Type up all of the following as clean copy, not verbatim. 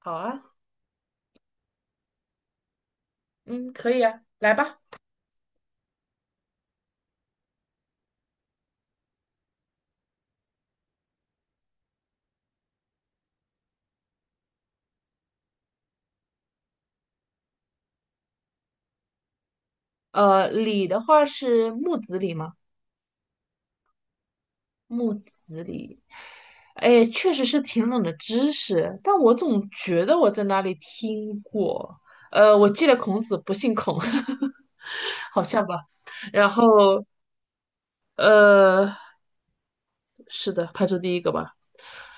好啊，嗯，可以啊，来吧。李的话是木子李吗？木子李，哎，确实是挺冷的知识，但我总觉得我在哪里听过。我记得孔子不姓孔，好像吧。然后，呃，是的，排除第一个吧。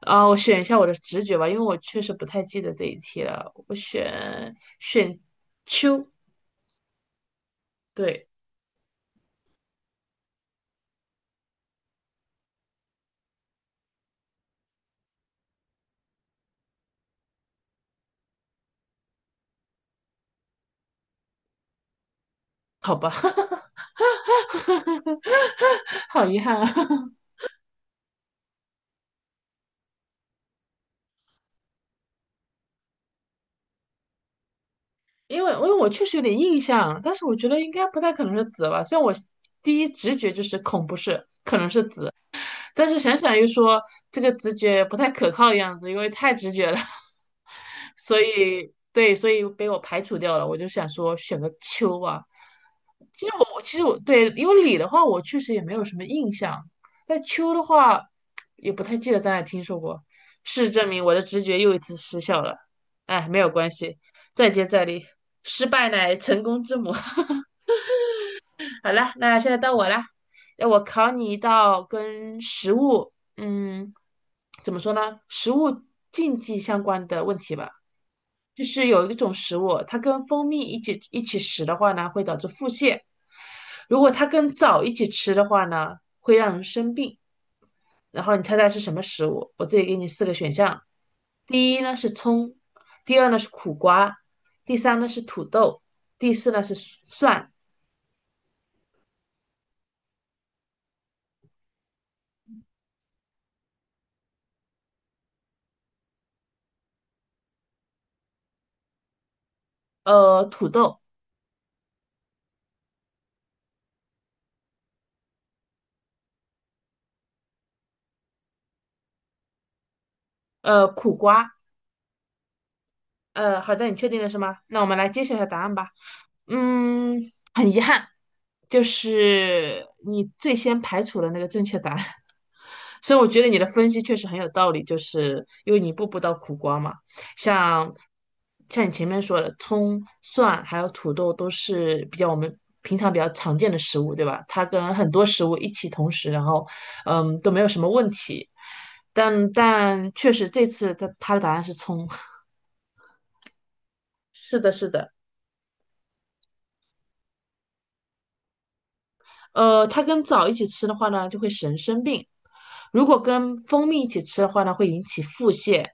啊，我选一下我的直觉吧，因为我确实不太记得这一题了。我选秋，对，好吧。好遗憾啊，因为我确实有点印象，但是我觉得应该不太可能是紫吧，虽然我第一直觉就是恐不是，可能是紫。但是想想又说这个直觉不太可靠的样子，因为太直觉了，所以对，所以被我排除掉了。我就想说选个秋吧。其实我对，因为李的话我确实也没有什么印象，但秋的话也不太记得在哪听说过。事实证明我的直觉又一次失效了，哎，没有关系，再接再厉，失败乃成功之母。好啦，那现在到我啦，那我考你一道跟食物，嗯，怎么说呢？食物禁忌相关的问题吧。就是有一种食物，它跟蜂蜜一起食的话呢，会导致腹泻；如果它跟枣一起吃的话呢，会让人生病。然后你猜猜是什么食物？我这里给你四个选项：第一呢是葱，第二呢是苦瓜，第三呢是土豆，第四呢是蒜，土豆，苦瓜。好的，你确定了是吗？那我们来揭晓一下答案吧。嗯，很遗憾，就是你最先排除了那个正确答案，所以我觉得你的分析确实很有道理，就是因为你一步步到苦瓜嘛，像像你前面说的，葱、蒜还有土豆都是比较我们平常比较常见的食物，对吧？它跟很多食物一起同时，然后都没有什么问题，但确实这次他的答案是葱，是的，是的。它跟枣一起吃的话呢，就会使人生病；如果跟蜂蜜一起吃的话呢，会引起腹泻。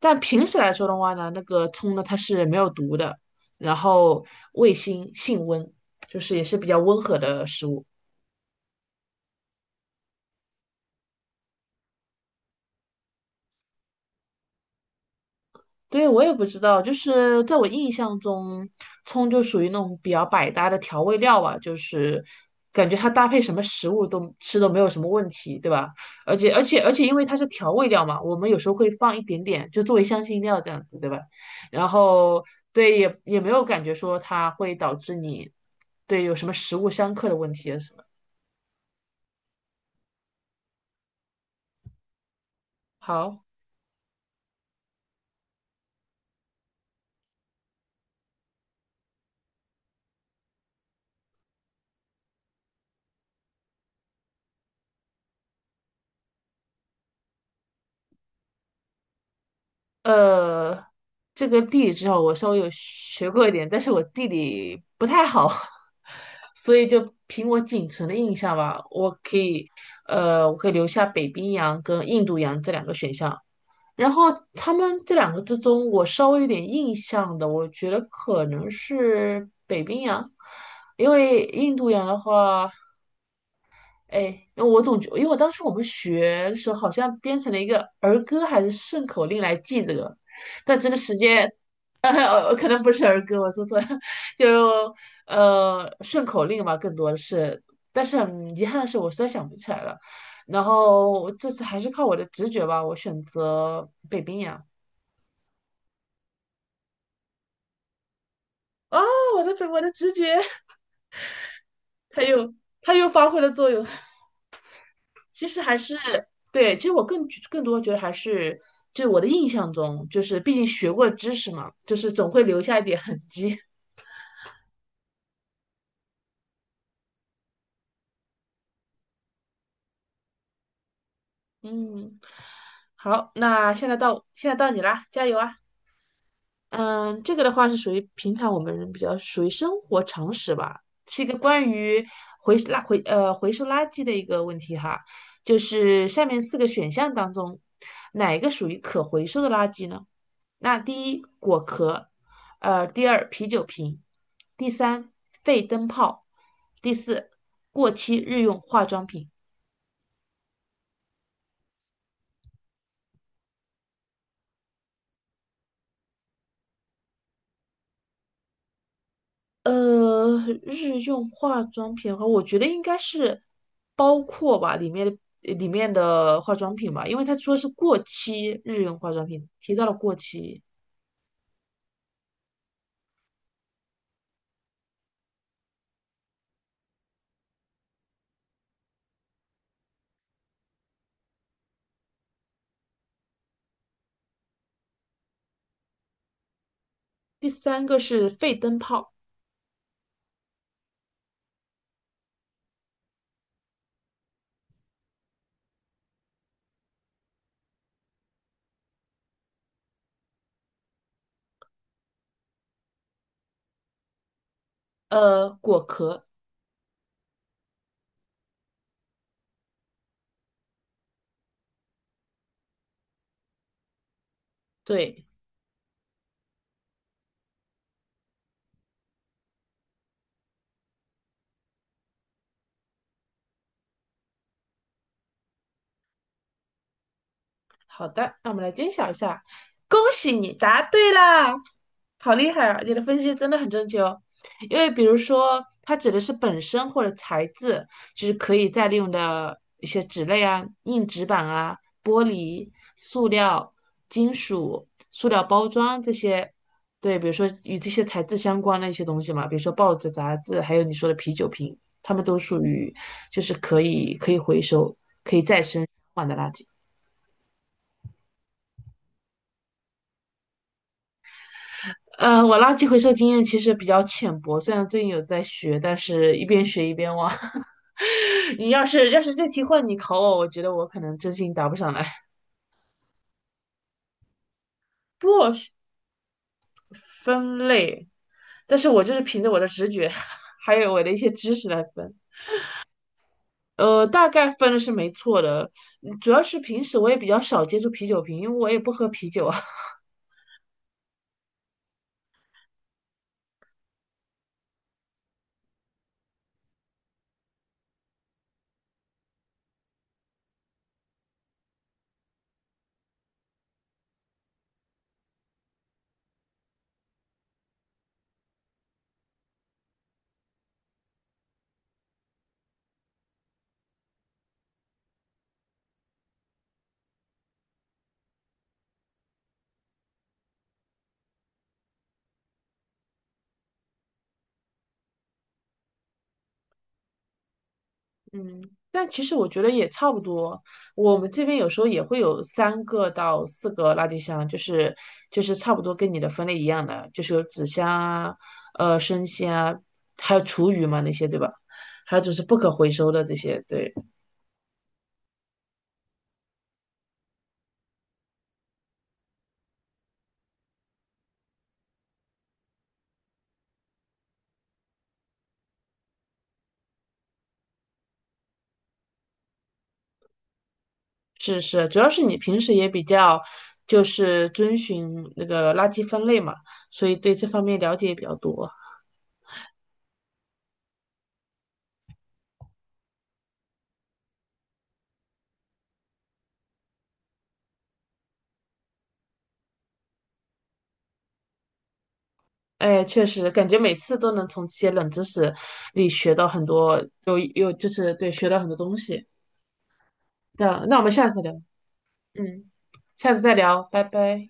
但平时来说的话呢，那个葱呢，它是没有毒的，然后味辛性温，就是也是比较温和的食物。对，我也不知道，就是在我印象中，葱就属于那种比较百搭的调味料吧，就是感觉它搭配什么食物都吃都没有什么问题，对吧？而且，因为它是调味料嘛，我们有时候会放一点点，就作为香辛料这样子，对吧？然后对，也没有感觉说它会导致你对有什么食物相克的问题啊什么。好。呃，这个地理至少我稍微有学过一点，但是我地理不太好，所以就凭我仅存的印象吧，我可以留下北冰洋跟印度洋这两个选项。然后他们这两个之中，我稍微有点印象的，我觉得可能是北冰洋，因为印度洋的话。哎，我总觉，因为我当时我们学的时候好像编成了一个儿歌还是顺口令来记这个，但真的时间，可能不是儿歌，我说错了，就顺口令吧，更多的是，但是很遗憾的是，我实在想不起来了。然后这次还是靠我的直觉吧，我选择北冰洋。啊，我的北，我的直觉，它又它又发挥了作用。其实还是对，其实我更多觉得还是，就我的印象中，就是毕竟学过知识嘛，就是总会留下一点痕迹。嗯，好，那现在到你啦，加油啊！嗯，这个的话是属于平常我们比较属于生活常识吧，是一个关于回收垃圾的一个问题哈，就是下面四个选项当中，哪一个属于可回收的垃圾呢？那第一果壳，第二啤酒瓶，第三废灯泡，第四过期日用化妆品。呃，日用化妆品的话，我觉得应该是包括吧，里面的化妆品吧，因为他说是过期日用化妆品，提到了过期。第三个是废灯泡，果壳，对，好的，让我们来揭晓一下。恭喜你答对啦，好厉害啊！你的分析真的很正确哦。因为比如说，它指的是本身或者材质，就是可以再利用的一些纸类啊、硬纸板啊、玻璃、塑料、金属、塑料包装这些。对，比如说与这些材质相关的一些东西嘛，比如说报纸、杂志，还有你说的啤酒瓶，它们都属于就是可以回收换的垃圾。我垃圾回收经验其实比较浅薄，虽然最近有在学，但是一边学一边忘。你要是这题换你考我，我觉得我可能真心答不上来。不是分类，但是我就是凭着我的直觉，还有我的一些知识来分。大概分的是没错的，主要是平时我也比较少接触啤酒瓶，因为我也不喝啤酒啊。嗯，但其实我觉得也差不多。我们这边有时候也会有三个到四个垃圾箱，就是差不多跟你的分类一样的，就是有纸箱啊、生鲜啊，还有厨余嘛那些，对吧？还有就是不可回收的这些，对，是是，主要是你平时也比较就是遵循那个垃圾分类嘛，所以对这方面了解也比较多。哎，确实，感觉每次都能从这些冷知识里学到很多，有就是对，学到很多东西。这样那我们下次聊，嗯，下次再聊，拜拜。